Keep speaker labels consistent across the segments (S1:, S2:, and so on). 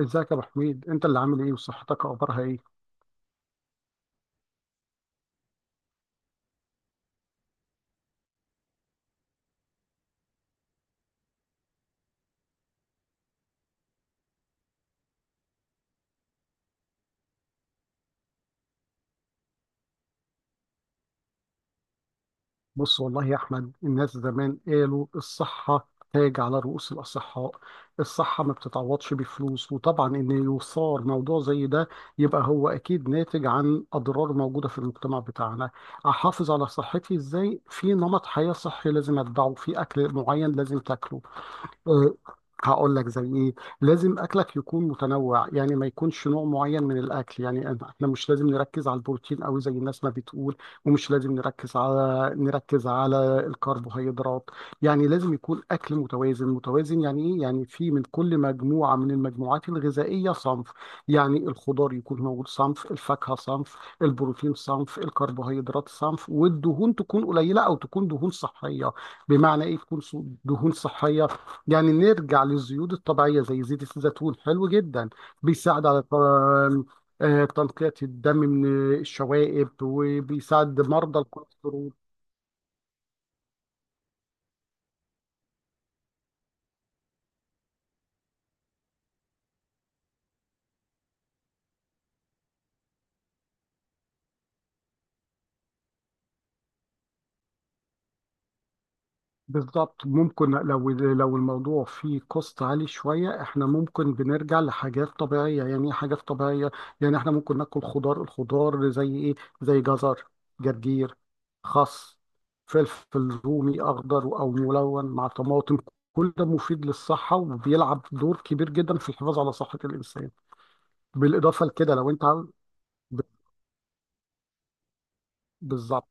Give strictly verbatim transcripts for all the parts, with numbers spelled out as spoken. S1: ازيك يا ابو حميد؟ انت اللي عامل ايه وصحتك اخبارها ايه؟ بص والله يا احمد، الناس زمان قالوا: الصحه تاج على رؤوس الاصحاء. الصحه ما بتتعوضش بفلوس. وطبعا ان يثار موضوع زي ده يبقى هو اكيد ناتج عن اضرار موجوده في المجتمع بتاعنا. احافظ على صحتي ازاي؟ في نمط حياه صحي لازم اتبعه، في اكل معين لازم تاكله. آه، هقول لك زي ايه. لازم اكلك يكون متنوع، يعني ما يكونش نوع معين من الاكل. يعني أنا- احنا مش لازم نركز على البروتين قوي زي الناس ما بتقول، ومش لازم نركز على نركز على الكربوهيدرات. يعني لازم يكون اكل متوازن متوازن، يعني ايه؟ يعني في من كل مجموعة من المجموعات الغذائية صنف. يعني الخضار يكون موجود، صنف الفاكهة، صنف البروتين، صنف الكربوهيدرات صنف، والدهون تكون قليلة او تكون دهون صحية. بمعنى ايه تكون ص- دهون صحية؟ يعني نرجع للزيوت الطبيعية زي زيت الزيتون، حلو جدا. بيساعد على ط- آه، تنقية الدم من الشوائب، وبيساعد مرضى الكوليسترول. بالظبط، ممكن لو لو الموضوع فيه كوست عالي شوية احنا ممكن بنرجع لحاجات طبيعية. يعني ايه حاجات طبيعية؟ يعني احنا ممكن ناكل خضار. الخضار زي ايه؟ زي جزر، جرجير، خس، فلفل رومي اخضر او ملون مع طماطم. كل ده مفيد للصحة وبيلعب دور كبير جدا في الحفاظ على صحة الإنسان. بالإضافة لكده لو انت عاوز- بالظبط.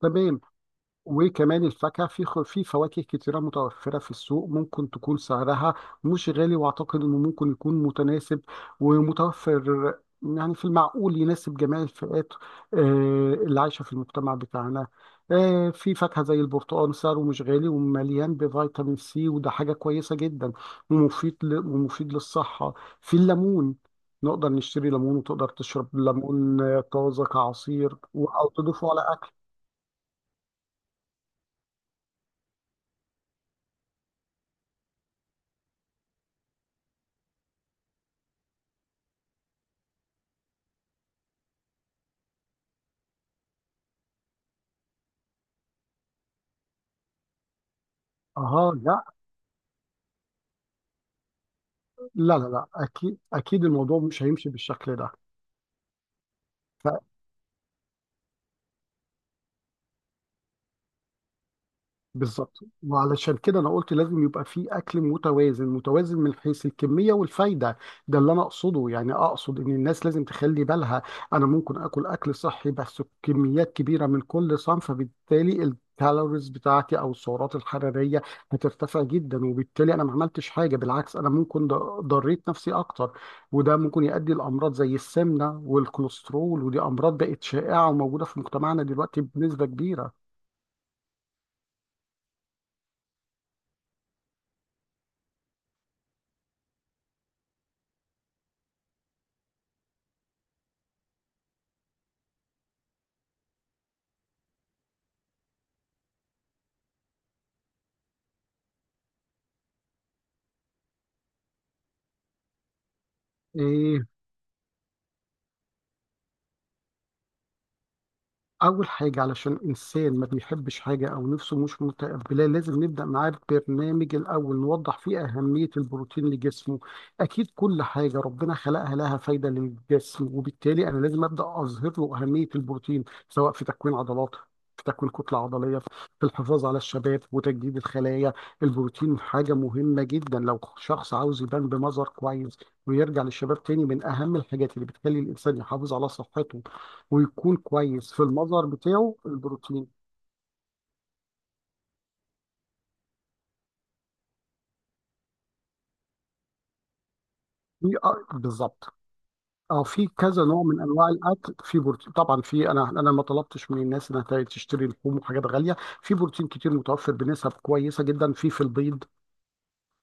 S1: تمام. وكمان الفاكهة، في خ- في فواكه كتيرة متوفرة في السوق، ممكن تكون سعرها مش غالي، وأعتقد إنه ممكن يكون متناسب ومتوفر، يعني في المعقول يناسب جميع الفئات آه، اللي عايشة في المجتمع بتاعنا. آه، في فاكهة زي البرتقال، سعره مش غالي ومليان بفيتامين سي، وده حاجة كويسة جدا ومفيد ل- ومفيد للصحة. في الليمون، نقدر نشتري ليمون، وتقدر تشرب ليمون آه، طازة كعصير و- أو تضيفه على أكل. أها، لا لا لا، اكيد اكيد الموضوع مش هيمشي بالشكل ده. ف- بالظبط، وعلشان كده انا قلت لازم يبقى في اكل متوازن متوازن من حيث الكميه والفايده. ده اللي انا اقصده، يعني اقصد ان الناس لازم تخلي بالها. انا ممكن اكل اكل صحي بس كميات كبيره من كل صنف، فبالتالي الكالوريز بتاعتي او السعرات الحراريه هترتفع جدا، وبالتالي انا ما عملتش حاجه، بالعكس انا ممكن ض- ضريت نفسي اكتر. وده ممكن يؤدي لامراض زي السمنه والكوليسترول، ودي امراض بقت شائعه وموجوده في مجتمعنا دلوقتي بنسبه كبيره. إيه، أول حاجة علشان إنسان ما بيحبش حاجة أو نفسه مش متقبلاه لازم نبدأ معاه ببرنامج، الأول نوضح فيه أهمية البروتين لجسمه. أكيد كل حاجة ربنا خلقها لها فايدة للجسم، وبالتالي أنا لازم أبدأ أظهر له أهمية البروتين، سواء في تكوين عضلات، في تكوين كتلة عضلية، في الحفاظ على الشباب وتجديد الخلايا. البروتين حاجة مهمة جدا لو شخص عاوز يبان بمظهر كويس ويرجع للشباب تاني. من أهم الحاجات اللي بتخلي الإنسان يحافظ على صحته ويكون كويس في المظهر بتاعه: البروتين. في آه، بالظبط. اه، في كذا نوع من انواع الاكل في بروتين طبعا. في، انا انا ما طلبتش من الناس انها ت- تشتري لحوم وحاجات غاليه. في بروتين كتير متوفر بنسب كويسه جدا، في في البيض.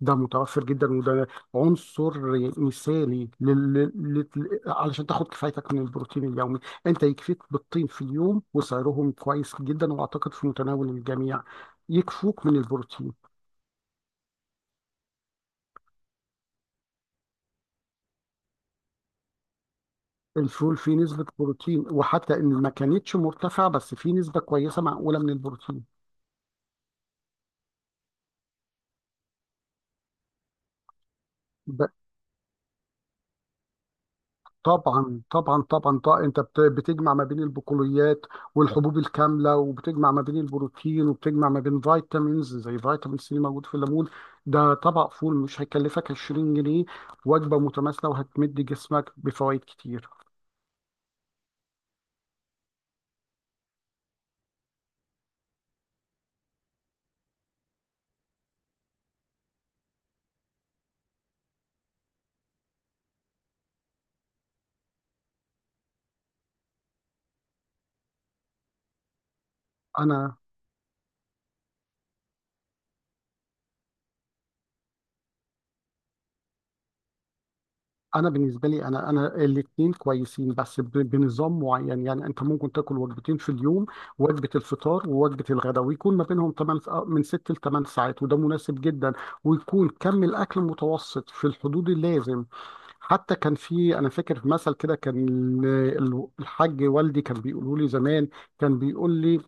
S1: ده متوفر جدا، وده عنصر مثالي لل... لل... لل- علشان تاخد كفايتك من البروتين اليومي. انت يكفيك بالطين في اليوم، وسعرهم كويس جدا واعتقد في متناول الجميع، يكفوك من البروتين. الفول فيه نسبة بروتين، وحتى إن ما كانتش مرتفعة بس فيه نسبة كويسة معقولة من البروتين. ب- طبعا طبعا طبعا طبعا، انت بت- بتجمع ما بين البقوليات والحبوب الكاملة، وبتجمع ما بين البروتين، وبتجمع ما بين فيتامينز زي فيتامين سي موجود في الليمون. ده طبق فول مش هيكلفك عشرين جنيه، وجبة متماثلة وهتمد جسمك بفوائد كتير. انا انا بالنسبه لي، انا انا الاثنين كويسين، بس ب- بنظام معين. يعني انت ممكن تاكل وجبتين في اليوم، وجبه الفطار ووجبه الغداء، ويكون ما بينهم تمانية، من ستة ل تمانية ساعات، وده مناسب جدا. ويكون كم الاكل متوسط في الحدود اللازم. حتى كان في، انا فاكر مثل كده، كان ال- ال- الحاج والدي كان بيقولوا لي زمان، كان بيقول لي: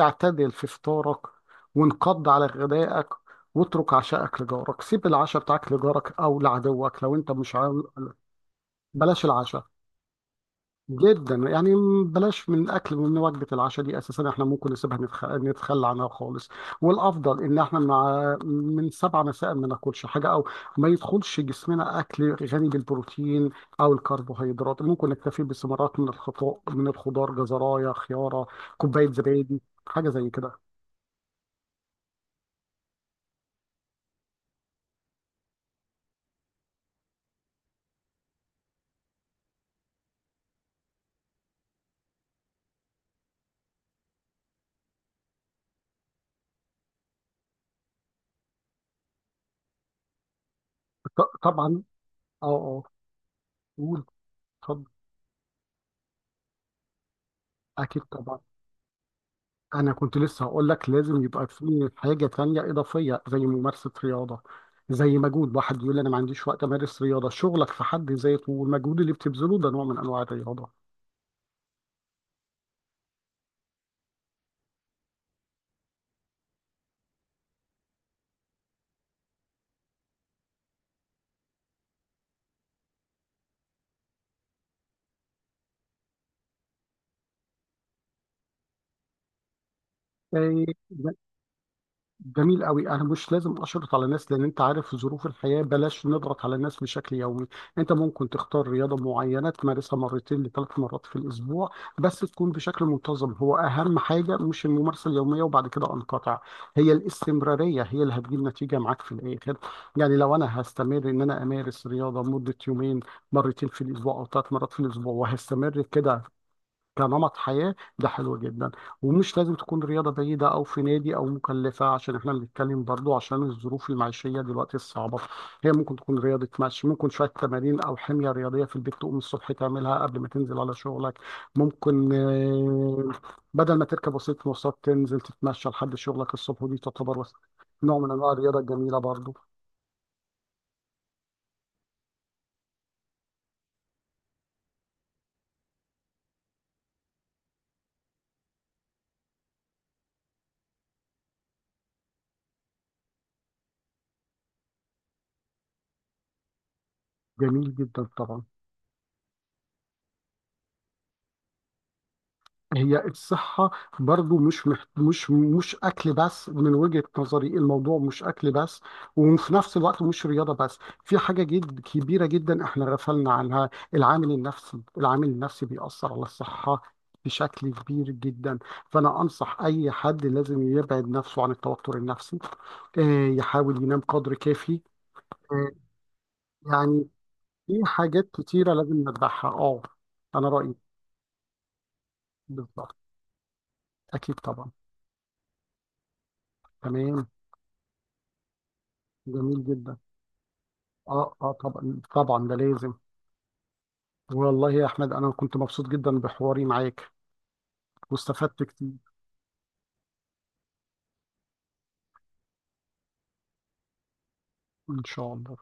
S1: اعتدل في فطارك، وانقض على غدائك، واترك عشاءك لجارك. سيب العشاء بتاعك لجارك او لعدوك لو انت مش، بلاش العشاء جدا يعني. بلاش من اكل من وجبه العشاء دي اساسا، احنا ممكن نسيبها، نتخ... نتخلى عنها خالص. والافضل ان احنا مع من سبعة مساءً ما ناكلش حاجه، او ما يدخلش جسمنا اكل غني بالبروتين او الكربوهيدرات. ممكن نكتفي بثمرات من الخضار، من الخضار جزرايه، خياره، كوبايه زبادي، حاجه زي كده. ط- طبعا. اه اه، قول. اتفضل. اكيد طبعا. أنا كنت لسه هقول لك لازم يبقى في حاجة تانية إضافية زي ممارسة رياضة. زي مجهود، واحد يقول أنا ما عنديش وقت أمارس رياضة، شغلك في حد ذاته والمجهود اللي بتبذله ده نوع من أنواع الرياضة. إيه، جميل قوي. انا مش لازم اشرط على ناس، لان انت عارف ظروف الحياه، بلاش نضغط على الناس بشكل يومي. انت ممكن تختار رياضه معينه تمارسها مرتين لثلاث مرات في الاسبوع، بس تكون بشكل منتظم. هو اهم حاجه مش الممارسه اليوميه وبعد كده انقطع، هي الاستمراريه هي اللي هتجيب نتيجه معاك في الاخر. يعني لو انا هستمر ان انا امارس رياضه مده يومين، مرتين في الاسبوع او ثلاث مرات في الاسبوع وهستمر كده كنمط حياة، ده حلو جدا. ومش لازم تكون رياضة بعيدة أو في نادي أو مكلفة، عشان إحنا بنتكلم برضو عشان الظروف المعيشية دلوقتي الصعبة. هي ممكن تكون رياضة مشي، ممكن شوية تمارين أو حمية رياضية في البيت تقوم الصبح تعملها قبل ما تنزل على شغلك. ممكن آه، بدل ما تركب وسيلة مواصلات تنزل تتمشى لحد شغلك الصبح، ودي تعتبر وس- نوع من أنواع الرياضة الجميلة برضو. جميل جدا طبعا. هي الصحة برضو مش محت... مش مش أكل بس. من وجهة نظري الموضوع مش أكل بس، وفي نفس الوقت مش رياضة بس. في حاجة جد كبيرة جدا احنا غفلنا عنها: العامل النفسي. العامل النفسي بيأثر على الصحة بشكل كبير جدا. فأنا أنصح أي حد لازم يبعد نفسه عن التوتر النفسي، آه، يحاول ينام قدر كافي. آه، يعني في حاجات كتيرة لازم نتبعها. اه، أنا رأيي بالظبط. أكيد طبعا. تمام. جميل جدا. اه اه، طبعا طبعا ده لازم. والله يا احمد انا كنت مبسوط جدا بحواري معاك، واستفدت كتير. ان شاء الله.